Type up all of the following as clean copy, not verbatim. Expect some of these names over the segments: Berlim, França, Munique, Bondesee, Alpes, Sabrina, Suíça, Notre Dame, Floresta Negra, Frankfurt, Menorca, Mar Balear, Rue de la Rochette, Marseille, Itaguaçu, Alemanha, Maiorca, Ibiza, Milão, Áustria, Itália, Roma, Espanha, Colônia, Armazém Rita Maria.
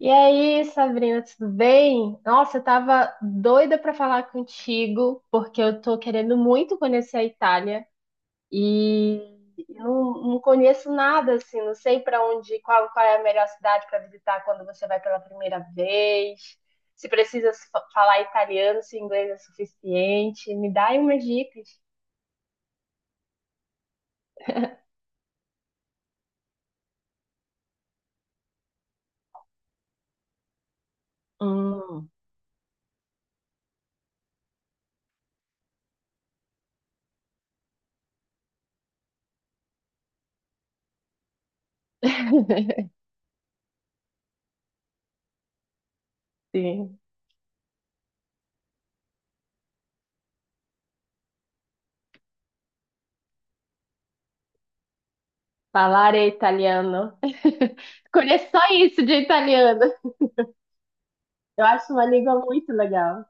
E aí, Sabrina, tudo bem? Nossa, eu tava doida pra falar contigo, porque eu tô querendo muito conhecer a Itália e não conheço nada assim, não sei pra onde, qual é a melhor cidade pra visitar quando você vai pela primeira vez. Se precisa se fa- falar italiano, se inglês é suficiente, me dá aí umas dicas. Hum. Sim, falar italiano. Conheço só isso de italiano. Eu acho uma língua muito legal.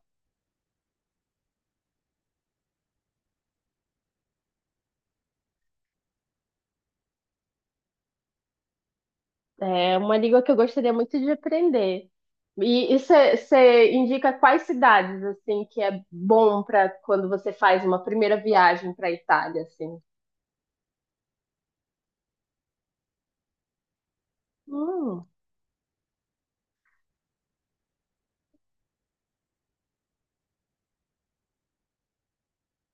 É uma língua que eu gostaria muito de aprender. E você indica quais cidades assim que é bom para quando você faz uma primeira viagem para Itália assim? Hum,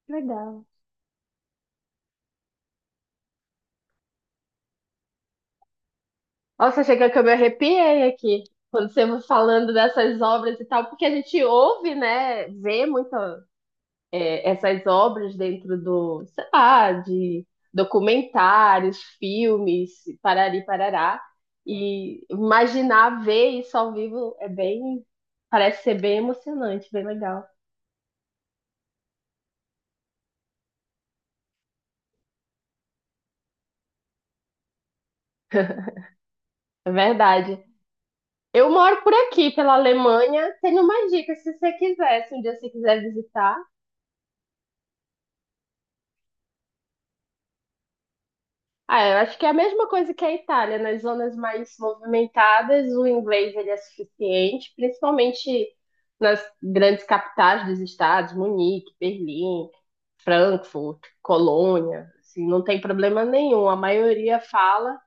legal. Nossa, chega que eu me arrepiei aqui quando você vai falando dessas obras e tal, porque a gente ouve, né, vê muito essas obras dentro do, sei lá, de documentários, filmes, parari parará, e imaginar ver isso ao vivo é bem, parece ser bem emocionante, bem legal. É verdade. Eu moro por aqui, pela Alemanha. Tenho mais dicas se você quiser, se um dia você quiser visitar. Ah, eu acho que é a mesma coisa que a Itália. Nas zonas mais movimentadas, o inglês ele é suficiente, principalmente nas grandes capitais dos estados, Munique, Berlim, Frankfurt, Colônia. Assim, não tem problema nenhum. A maioria fala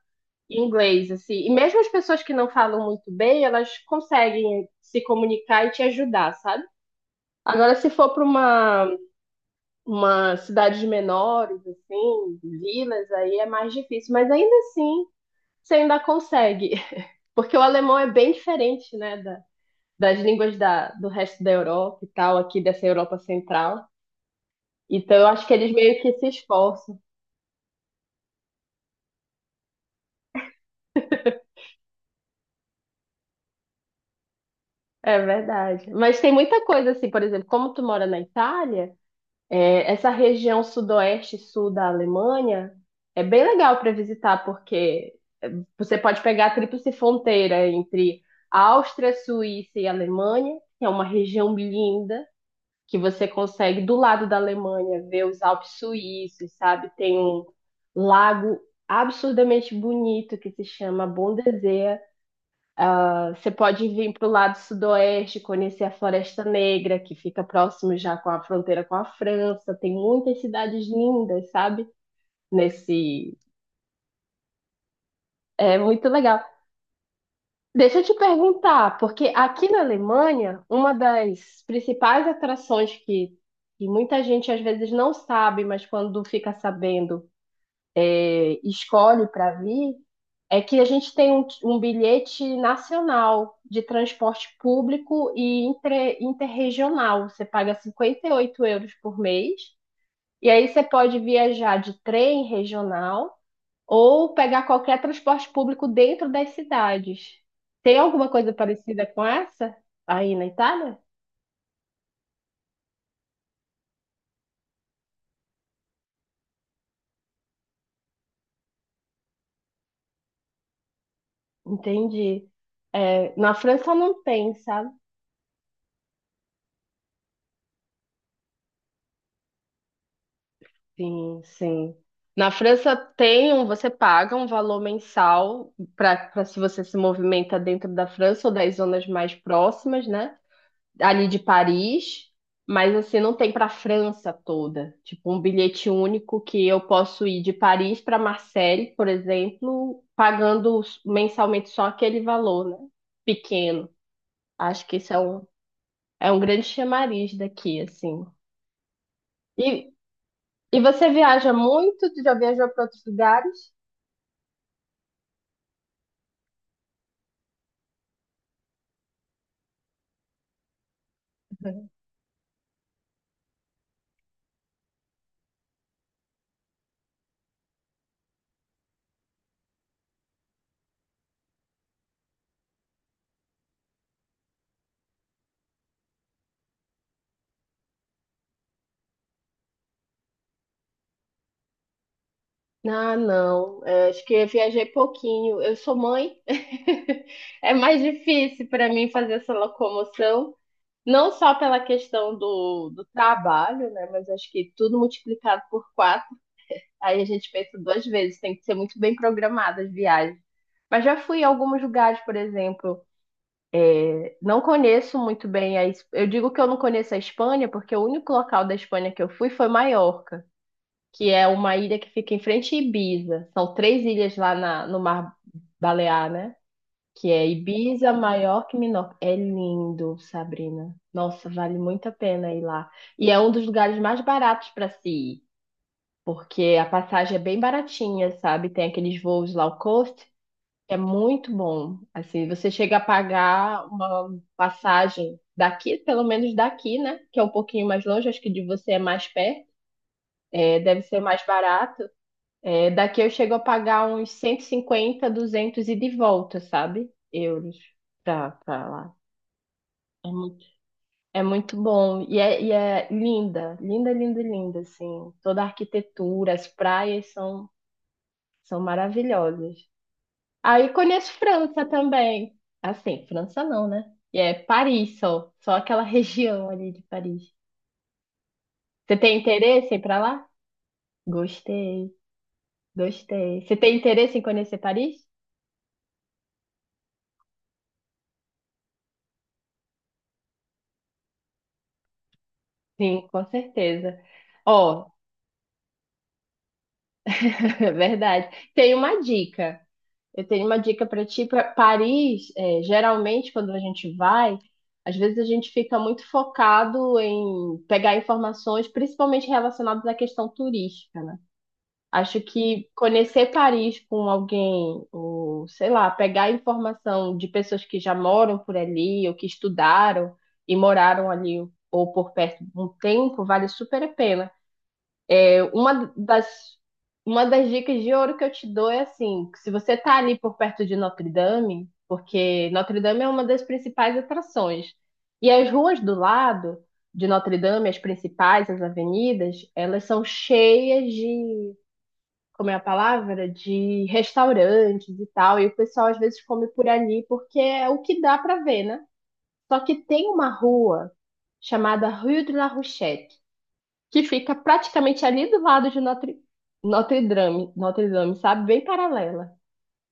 inglês, assim. E mesmo as pessoas que não falam muito bem, elas conseguem se comunicar e te ajudar, sabe? Agora, se for para uma cidades menores, assim, vilas, aí é mais difícil. Mas ainda assim você ainda consegue. Porque o alemão é bem diferente, né, da, das línguas da, do resto da Europa e tal, aqui dessa Europa Central. Então, eu acho que eles meio que se esforçam. É verdade. Mas tem muita coisa assim, por exemplo, como tu mora na Itália, essa região sudoeste e sul da Alemanha é bem legal para visitar, porque é, você pode pegar a tríplice fronteira entre Áustria, Suíça e Alemanha, que é uma região linda. Que você consegue, do lado da Alemanha, ver os Alpes suíços, sabe? Tem um lago absurdamente bonito que se chama Bondesee. Ah, você pode vir para o lado sudoeste, conhecer a Floresta Negra, que fica próximo já com a fronteira com a França. Tem muitas cidades lindas, sabe? Nesse. É muito legal. Deixa eu te perguntar, porque aqui na Alemanha, uma das principais atrações que muita gente às vezes não sabe, mas quando fica sabendo escolhe para vir é que a gente tem um bilhete nacional de transporte público e interregional. Você paga 58 euros por mês, e aí você pode viajar de trem regional ou pegar qualquer transporte público dentro das cidades. Tem alguma coisa parecida com essa aí na Itália? Entendi. É, na França não tem, sabe? Sim, sim. Na França tem um, você paga um valor mensal para se você se movimenta dentro da França ou das zonas mais próximas, né? Ali de Paris, mas assim não tem para a França toda. Tipo um bilhete único que eu posso ir de Paris para Marseille, por exemplo, pagando mensalmente só aquele valor, né? Pequeno. Acho que isso é um grande chamariz daqui, assim. E, e você viaja muito? Já viajou para outros lugares? Ah, não. É, acho que eu viajei pouquinho. Eu sou mãe. É mais difícil para mim fazer essa locomoção, não só pela questão do trabalho, né? Mas acho que tudo multiplicado por quatro, aí a gente pensa duas vezes. Tem que ser muito bem programada as viagens. Mas já fui em alguns lugares, por exemplo. Não conheço muito bem a. Es- Eu digo que eu não conheço a Espanha, porque o único local da Espanha que eu fui foi Maiorca, que é uma ilha que fica em frente a Ibiza. São três ilhas lá no Mar Balear, né? Que é Ibiza, Maiorca e Menorca. É lindo, Sabrina. Nossa, vale muito a pena ir lá. E é um dos lugares mais baratos para se ir, porque a passagem é bem baratinha, sabe? Tem aqueles voos low cost, que é muito bom. Assim, você chega a pagar uma passagem daqui, pelo menos daqui, né? Que é um pouquinho mais longe, acho que de você é mais perto. É, deve ser mais barato. É, daqui eu chego a pagar uns 150, 200 e de volta, sabe? Euros pra lá. É muito, é muito bom. E é linda, linda, linda, linda, assim. Toda a arquitetura, as praias são, são maravilhosas. Aí conheço França também. Assim, França não, né? E é Paris só, só aquela região ali de Paris. Você tem interesse em ir pra lá? Gostei, gostei. Você tem interesse em conhecer Paris? Sim, com certeza. Ó, é verdade. Tem uma dica. Eu tenho uma dica para ti. Pra Paris, é, geralmente, quando a gente vai, às vezes a gente fica muito focado em pegar informações, principalmente relacionadas à questão turística, né? Acho que conhecer Paris com alguém, ou sei lá, pegar informação de pessoas que já moram por ali, ou que estudaram e moraram ali, ou por perto de um tempo, vale super a pena. Uma das, uma das dicas de ouro que eu te dou é assim, que se você tá ali por perto de Notre Dame, porque Notre Dame é uma das principais atrações. E as ruas do lado de Notre Dame, as principais, as avenidas, elas são cheias de, como é a palavra? De restaurantes e tal. E o pessoal às vezes come por ali porque é o que dá para ver, né? Só que tem uma rua chamada Rue de la Rochette que fica praticamente ali do lado de Notre Dame, sabe? Bem paralela.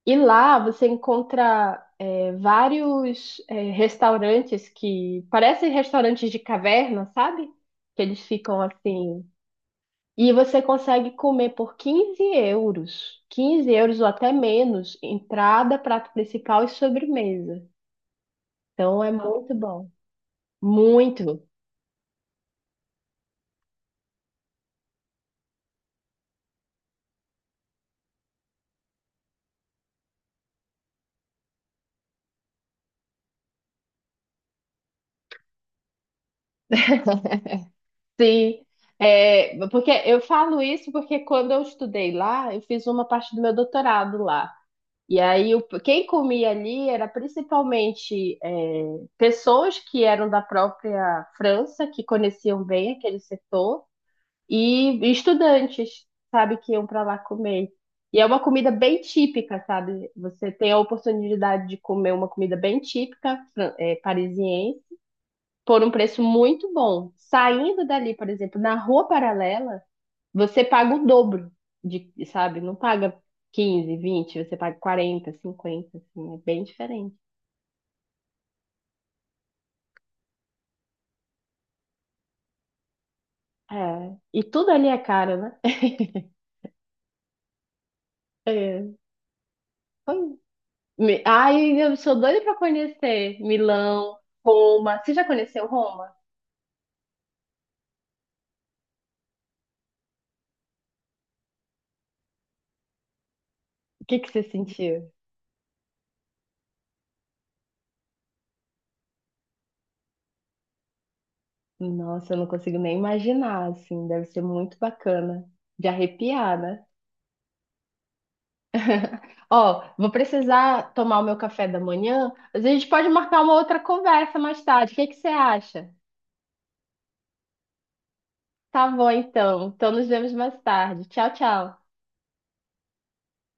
E lá você encontra vários restaurantes que parecem restaurantes de caverna, sabe? Que eles ficam assim. E você consegue comer por 15 euros, 15 euros ou até menos, entrada, prato principal e sobremesa. Então é muito bom. Muito. Sim, é, porque eu falo isso porque quando eu estudei lá, eu fiz uma parte do meu doutorado lá. E aí, o- quem comia ali era principalmente pessoas que eram da própria França, que conheciam bem aquele setor, e estudantes, sabe, que iam para lá comer. E é uma comida bem típica, sabe? Você tem a oportunidade de comer uma comida bem típica, parisiense, por um preço muito bom. Saindo dali, por exemplo, na rua paralela, você paga o dobro de, sabe? Não paga 15, 20, você paga 40, 50, assim, é bem diferente. É. E tudo ali é caro, né? É. Foi. Me- Ai, eu sou doida pra conhecer Milão, Roma. Você já conheceu Roma? O que que você sentiu? Nossa, eu não consigo nem imaginar, assim, deve ser muito bacana de arrepiar, né? Ó, vou precisar tomar o meu café da manhã, mas a gente pode marcar uma outra conversa mais tarde. O que que você acha? Tá bom, então. Então nos vemos mais tarde. Tchau, tchau.